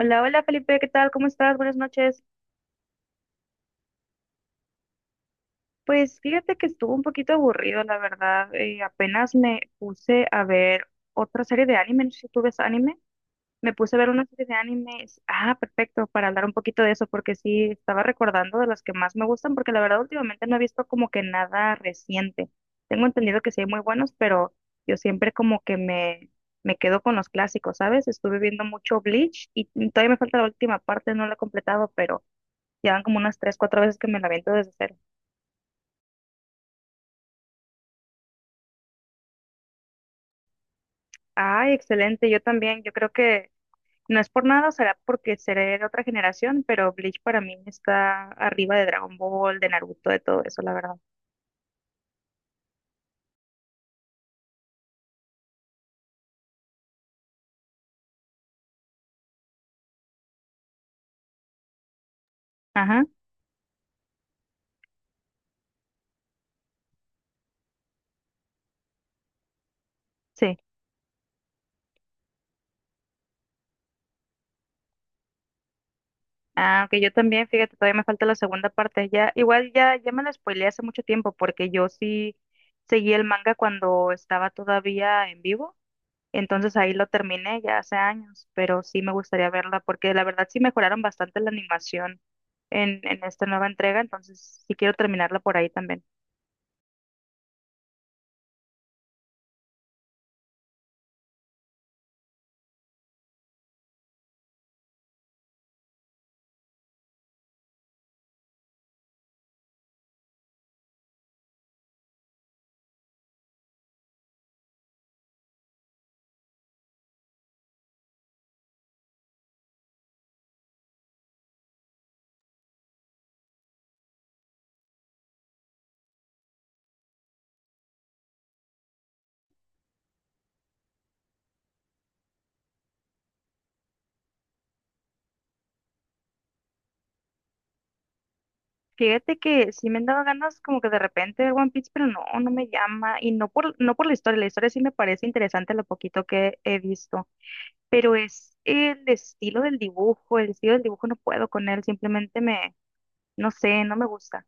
Hola, hola Felipe, ¿qué tal? ¿Cómo estás? Buenas noches. Pues fíjate que estuvo un poquito aburrido, la verdad. Apenas me puse a ver otra serie de anime, no sé si tú ves anime. Me puse a ver una serie de animes. Ah, perfecto, para hablar un poquito de eso, porque sí, estaba recordando de las que más me gustan, porque la verdad últimamente no he visto como que nada reciente. Tengo entendido que sí hay muy buenos, pero yo siempre como que me quedo con los clásicos, ¿sabes? Estuve viendo mucho Bleach y todavía me falta la última parte, no la he completado, pero. Llevan como unas tres, cuatro veces que me la aviento desde cero. Ay, excelente. Yo también. Yo creo que no es por nada, será porque seré de otra generación, pero Bleach para mí está arriba de Dragon Ball, de Naruto, de todo eso, la verdad. Ajá, sí. Ah, ok, yo también, fíjate, todavía me falta la segunda parte. Ya, igual ya me la spoileé hace mucho tiempo porque yo sí seguí el manga cuando estaba todavía en vivo. Entonces ahí lo terminé ya hace años, pero sí me gustaría verla porque la verdad sí mejoraron bastante la animación en esta nueva entrega, entonces sí quiero terminarla por ahí también. Fíjate que sí me han dado ganas como que de repente ver One Piece, pero no, no me llama y no por la historia sí me parece interesante lo poquito que he visto, pero es el estilo del dibujo, el estilo del dibujo no puedo con él, simplemente no sé, no me gusta.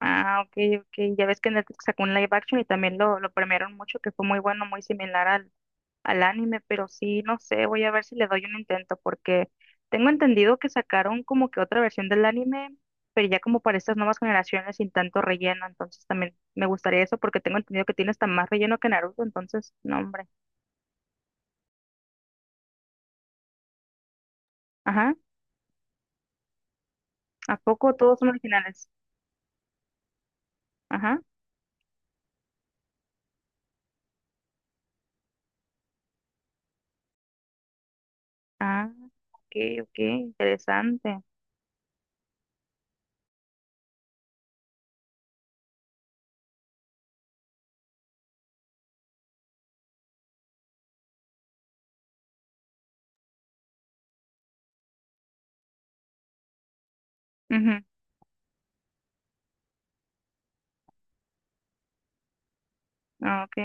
Ah, ok, ok. Ya ves que Netflix sacó un live action y también lo premiaron mucho, que fue muy bueno, muy similar al anime, pero sí, no sé, voy a ver si le doy un intento, porque tengo entendido que sacaron como que otra versión del anime, pero ya como para estas nuevas generaciones sin tanto relleno, entonces también me gustaría eso, porque tengo entendido que tiene hasta más relleno que Naruto, entonces, no, hombre. Ajá, ¿a poco todos son originales? Ajá, ah, ok, ok, interesante. Ajá, ok,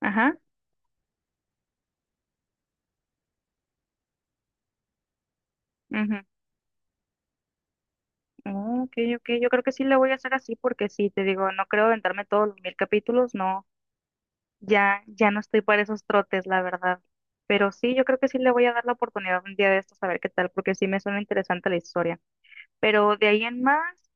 ajá, ujú. Oh, ok, ok, yo creo que sí le voy a hacer así porque sí, te digo, no creo aventarme todos los 1000 capítulos, no, ya, ya no estoy para esos trotes, la verdad. Pero sí, yo creo que sí le voy a dar la oportunidad un día de estos a ver qué tal, porque sí me suena interesante la historia. Pero de ahí en más,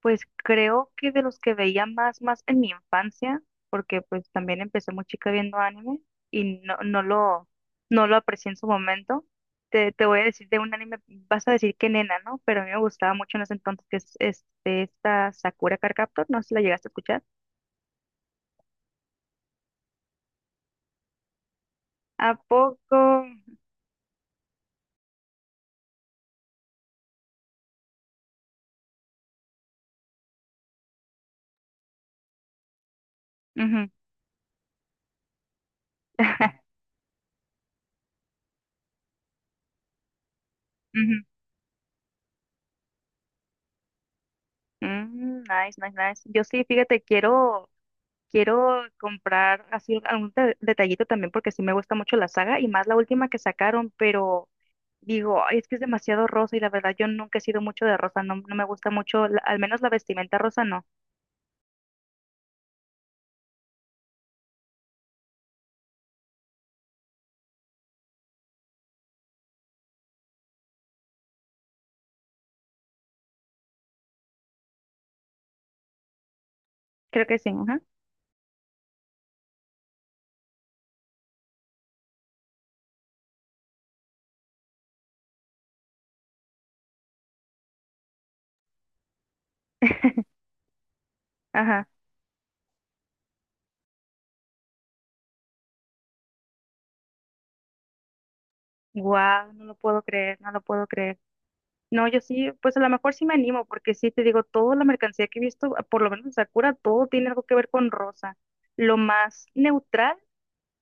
pues creo que de los que veía más, más en mi infancia, porque pues también empecé muy chica viendo anime y no lo aprecié en su momento. Te voy a decir de un anime, vas a decir que nena, ¿no? Pero a mí me gustaba mucho en ese entonces, que es esta Sakura Card Captor, no sé si la llegaste a escuchar. ¿A poco? Ujú. Ujú. Mm, nice, nice, nice. Yo sí, fíjate, quiero quiero comprar así algún detallito también porque sí me gusta mucho la saga y más la última que sacaron, pero digo, "Ay, es que es demasiado rosa y la verdad yo nunca he sido mucho de rosa, no, no me gusta mucho, al menos la vestimenta rosa no". Creo que sí, ajá. Ajá. Wow, no lo puedo creer, no lo puedo creer. No, yo sí, pues a lo mejor sí me animo, porque sí te digo, toda la mercancía que he visto, por lo menos en Sakura, todo tiene algo que ver con rosa. Lo más neutral,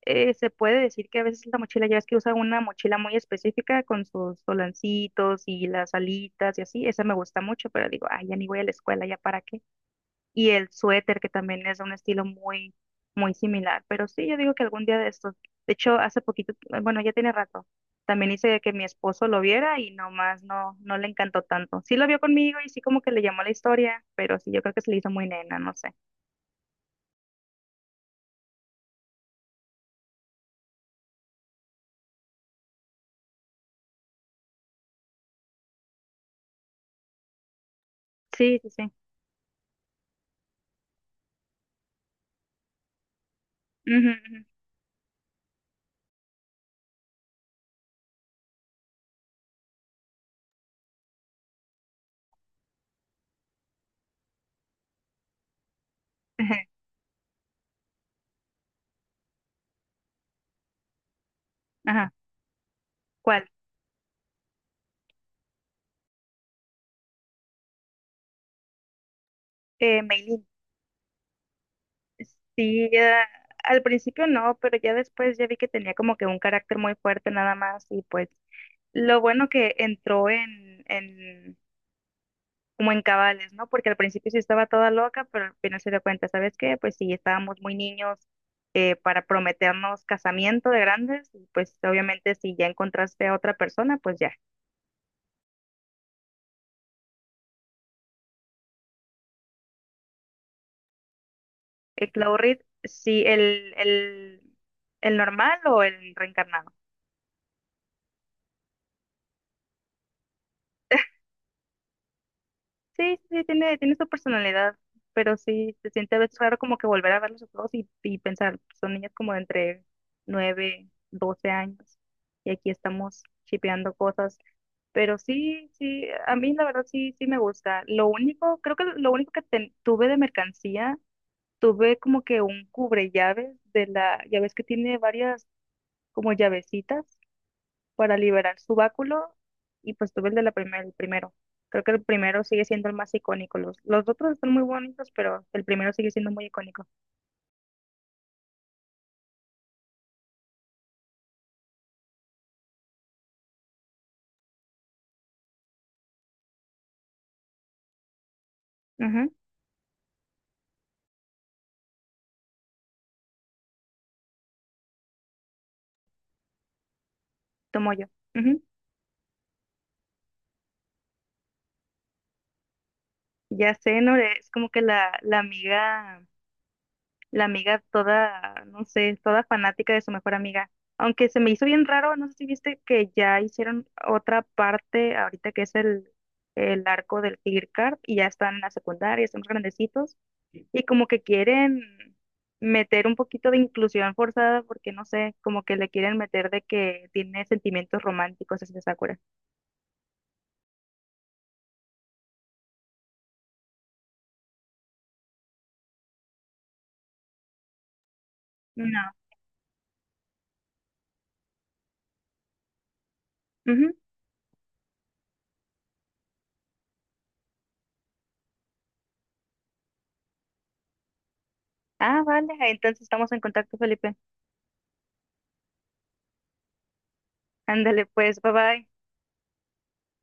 se puede decir, que a veces la mochila, ya ves que usa una mochila muy específica con sus solancitos y las alitas y así, esa me gusta mucho, pero digo, ay, ya ni voy a la escuela, ya para qué. Y el suéter, que también es de un estilo muy, muy similar, pero sí, yo digo que algún día de estos, de hecho, hace poquito, bueno, ya tiene rato, también hice que mi esposo lo viera y nomás no, no le encantó tanto. Sí lo vio conmigo y sí como que le llamó la historia, pero sí, yo creo que se le hizo muy nena, no sé. Sí, sí, sí. Ujú, ujú. Ajá. ¿Cuál? Maylin. Sí, al principio no, pero ya después ya vi que tenía como que un carácter muy fuerte nada más y pues lo bueno que entró en como en cabales, ¿no? Porque al principio sí estaba toda loca, pero al final se dio cuenta, ¿sabes qué? Pues sí, estábamos muy niños, para prometernos casamiento de grandes y pues obviamente si ya encontraste a otra persona, pues ya. El Claw Reed sí, el normal o el reencarnado. Sí, sí, tiene su personalidad, pero sí, se siente a veces raro como que volver a verlos a todos y pensar, son niños como de entre 9 12 años y aquí estamos chipeando cosas, pero sí, sí, a mí la verdad sí, sí me gusta. Lo único, creo que lo único que tuve de mercancía, tuve como que un cubre llaves de la, ya ves que tiene varias como llavecitas para liberar su báculo y pues tuve el de la primera, el primero. Creo que el primero sigue siendo el más icónico. Los otros están muy bonitos, pero el primero sigue siendo muy icónico. Ujú, tomo yo. Ujú. Ya sé, Nore, es como que la amiga toda, no sé, toda fanática de su mejor amiga. Aunque se me hizo bien raro, no sé si viste que ya hicieron otra parte ahorita que es el arco del Tigre Carp y ya están en la secundaria, están más grandecitos y como que quieren meter un poquito de inclusión forzada porque no sé, como que le quieren meter de que tiene sentimientos románticos hacia Sakura. No. Ujú. Ah, vale, entonces estamos en contacto, Felipe. Ándale, pues, bye bye.